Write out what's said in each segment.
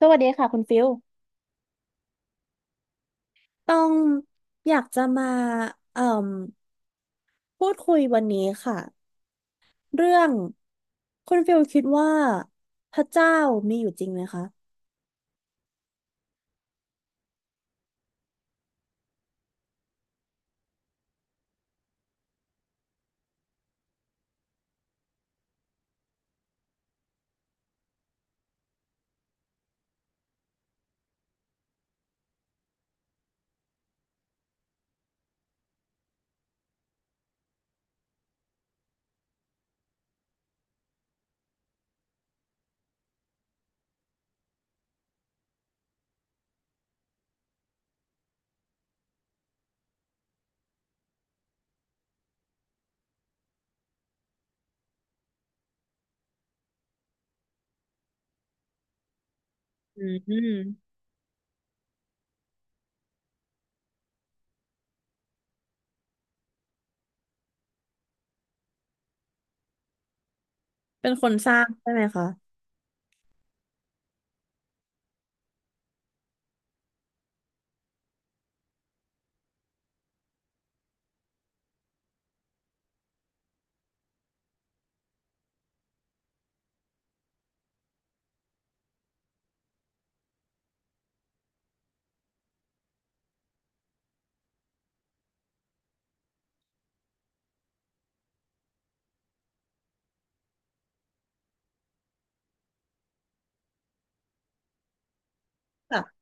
สวัสดีค่ะคุณฟิลต้องอยากจะมาเอ่มพูดคุยวันนี้ค่ะเรื่องคุณฟิลคิดว่าพระเจ้ามีอยู่จริงไหมคะอืมเป็นคนสร้างใช่ไหมคะค่ะ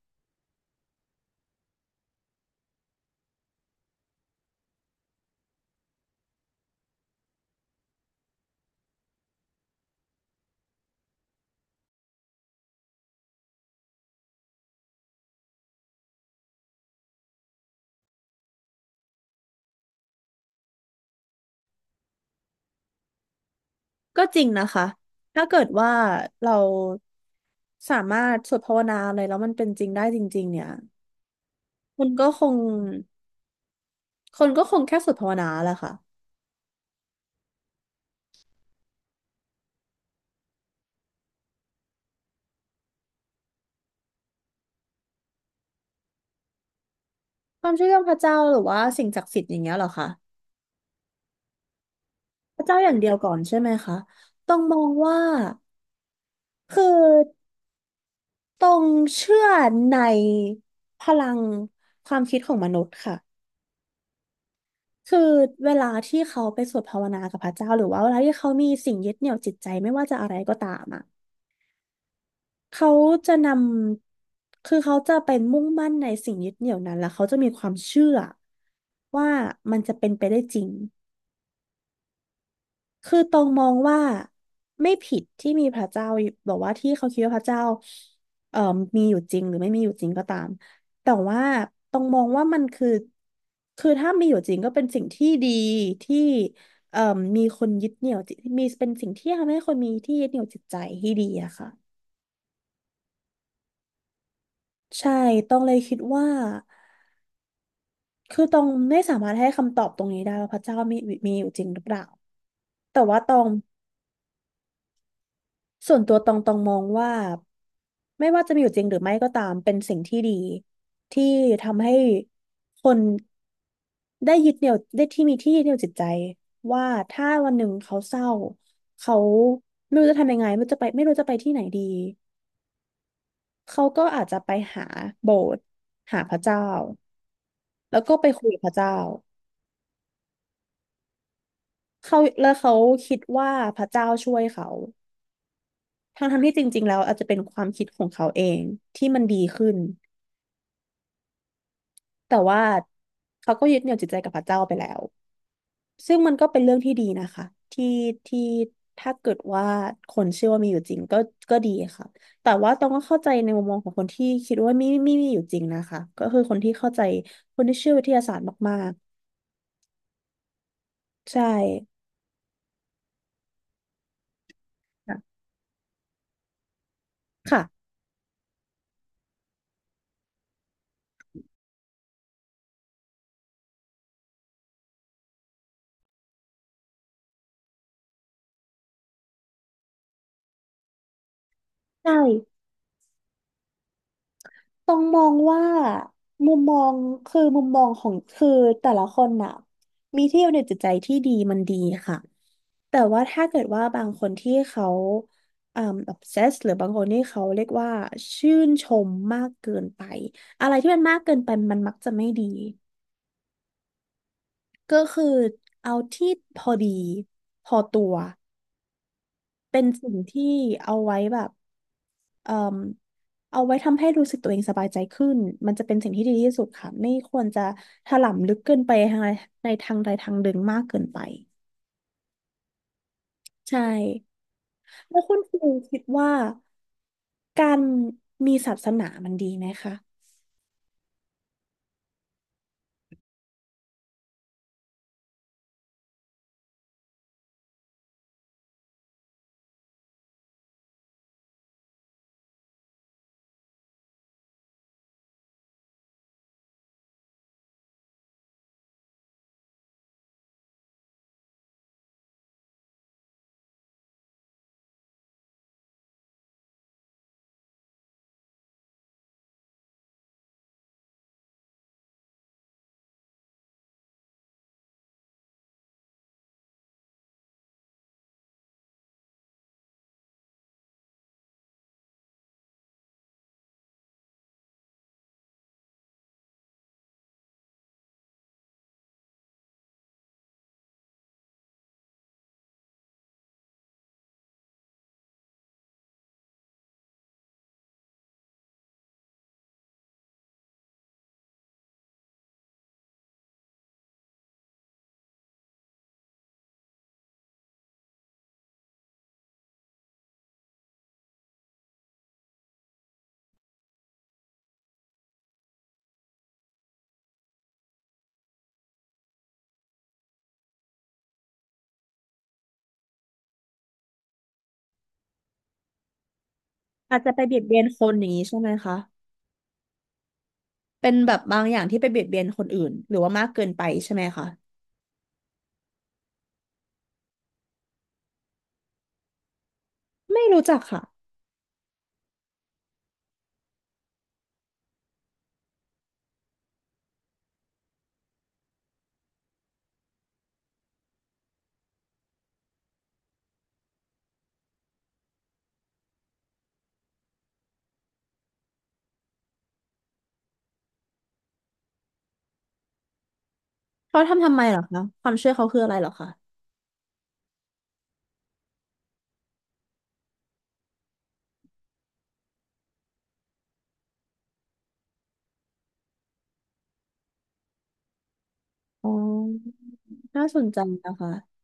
ก็จริงนะคะถ้าเกิดว่าเราสามารถสวดภาวนาอะไรแล้วมันเป็นจริงได้จริงๆเนี่ยคุณก็คงคนก็คงแค่สวดภาวนาแหละค่ะความเชื่อเรื่องพระเจ้าหรือว่าสิ่งศักดิ์สิทธิ์อย่างเงี้ยเหรอคะ พระเจ้าอย่างเดียวก่อนใช่ไหมคะต้องมองว่าคือต้องเชื่อในพลังความคิดของมนุษย์ค่ะคือเวลาที่เขาไปสวดภาวนากับพระเจ้าหรือว่าเวลาที่เขามีสิ่งยึดเหนี่ยวจิตใจไม่ว่าจะอะไรก็ตามอ่ะเขาจะนำคือเขาจะเป็นมุ่งมั่นในสิ่งยึดเหนี่ยวนั้นแล้วเขาจะมีความเชื่อว่ามันจะเป็นไปได้จริง คือตองมองว่าไม่ผิดที่มีพระเจ้าอยู่แบอกว่าที่เขาคิดว่าพระเจ้าเอ่อมีอยู่จริงหรือไม่มีอยู่จริงก็ตามแต่ว่าตองมองว่ามันคือถ้ามีอยู่จริงก็เป็นสิ่งที่ดีที่เอ่อมีคนยึดเหนี่ยวจิตมีเป็นสิ่งที่ทำให้คนมีที่ยึดเหนี่ยวจิตใจที่ดีอะค่ะใช่ตองเลยคิดว่าคือตองไม่สามารถให้คำตอบตรงนี้ได้ว่าพระเจ้ามีอยู่จริงหรือเปล่าแต่ว่าตอง ส่วนตัวตองมองว่าไม่ว่าจะมีอยู่จริงหรือไม่ก็ตามเป็นสิ่งที่ดีที่ทำให้คนได้ยึดเหนี่ยวได้ที่มีที่ยึดเหนี่ยวจิตใจว่าถ้าวันหนึ่งเขาเศร้าเขาไม่รู้จะทำยังไงไม่รู้จะไปไม่รู้จะไปที่ไหนดีเขาก็อาจจะไปหาโบสถ์หาพระเจ้าแล้วก็ไปคุยกับพระเจ้าเขาแล้วเขาคิดว่าพระเจ้าช่วยเขาทั้งที่จริงๆแล้วอาจจะเป็นความคิดของเขาเองที่มันดีขึ้น แต่ว่าเขาก็ยึดเหนี่ยวจิตใจกับพระเจ้าไปแล้วซึ่งมันก็เป็นเรื่องที่ดีนะคะที่ที่ถ้าเกิดว่าคนเชื่อว่ามีอยู่จริงก็ก็ดีค่ะแต่ว่าต้องก็เข้าใจในมุมมองของคนที่คิดว่าไม่ไม่ไมมีอยู่จริงนะคะก็คือคนที่เข้าใจคนที่เชื่อวิทยาศาสตร์มากๆใช่ค่ะค่ะใช่ ต้องมองว่ามุมมองคือมุมมองของคือแต่ละคนน่ะมีที่อยู่ในจิตใจที่ดีมันดีค่ะแต่ว่าถ้าเกิดว่าบางคนที่เขาอ่า obsess หรือบางคนที่เขาเรียกว่าชื่นชมมากเกินไปอะไรที่มันมากเกินไปมันมักจะไม่ดีก็คือเอาที่พอดีพอตัวเป็นสิ่งที่เอาไว้แบบ เอ่มเอาไว้ทำให้รู้สึกตัวเองสบายใจขึ้นมันจะเป็นสิ่งที่ดีที่สุดค่ะไม่ควรจะถลำลึกเกินไปทางใดในทางใดทางหนึ่งมากเกินไปใช่แล้วคุณครูคิดว่าการมีศาสนามันดีไหมคะอาจจะไปเบียดเบียนคนอย่างนี้ใช่ไหมคะเป็นแบบบางอย่างที่ไปเบียดเบียนคนอื่นหรือว่ามากเกินไปใช่ไหมคะไม่รู้จักค่ะเขาทำไมเหรอคะความเชื่อเขาคืออะไรเหรอคะอ๋อน่าสนใจนะคะ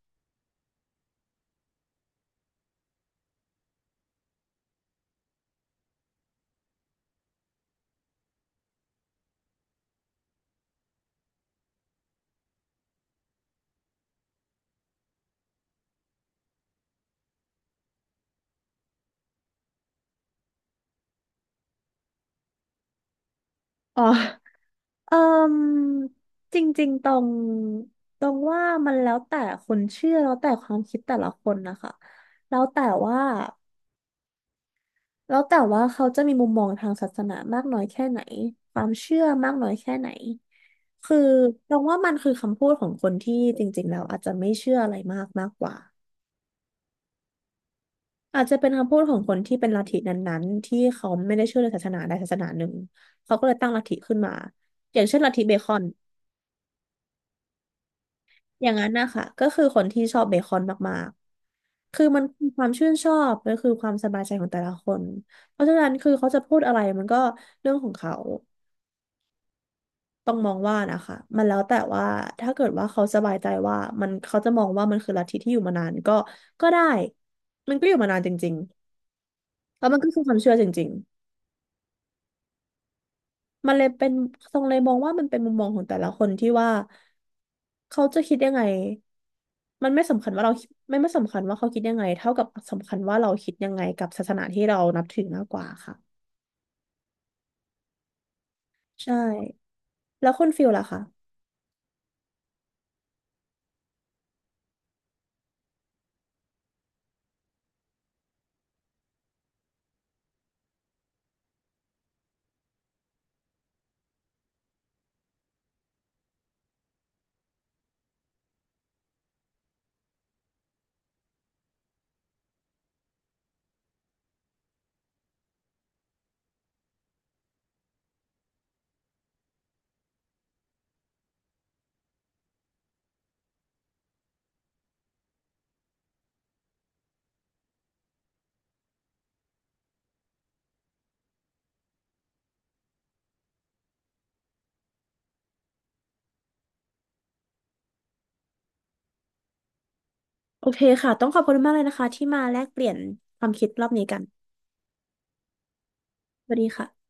อ๋อ เอ่มจริงๆ ตรงว่ามันแล้วแต่คนเชื่อแล้วแต่ความคิดแต่ละคนนะคะแล้วแต่ว่าแล้วแต่ว่าเขาจะมีมุมมองทางศาสนามากน้อยแค่ไหน ความเชื่อมากน้อยแค่ไหน คือ ตรงว่ามันคือคำพูดของคนที่จริงๆ แล้วอาจจะไม่เชื่ออะไรมากมากกว่าอาจจะเป็นคำพูดของคนที่เป็นลัทธินั้นๆที่เขาไม่ได้เชื่อในศาสนาใดศาสนาหนึ่งเขาก็เลยตั้งลัทธิขึ้นมาอย่างเช่นลัทธิเบคอน อย่างนั้นนะคะก็คือคนที่ชอบเบคอนมากๆคือมันคือความชื่นชอบมันคือความสบายใจของแต่ละคนเพราะฉะนั้นคือเขาจะพูดอะไรมันก็เรื่องของเขาต้องมองว่านะคะมันแล้วแต่ว่าถ้าเกิดว่าเขาสบายใจว่ามันเขาจะมองว่ามันคือลัทธิที่อยู่มานานก็ก็ได้มันก็อยู่มานานจริงๆแล้วมันก็คือความเชื่อจริงๆ มันเลยเป็นทรงเลยมองว่ามันเป็นมุมมองของแต่ละคนที่ว่าเขาจะคิดยังไง มันไม่สำคัญว่าเราไม่สำคัญว่าเขาคิดยังไงเท่ากับสำคัญว่าเราคิดยังไงกับศาสนาที่เรานับถือมากกว่าค่ะใช่แล้วคุณฟิลล่ะคะโอเคค่ะต้องขอบคุณมากเลยนะคะที่มาแลกเปลี่ยนความคิดรอบนี้กันสวัสดีค่ะ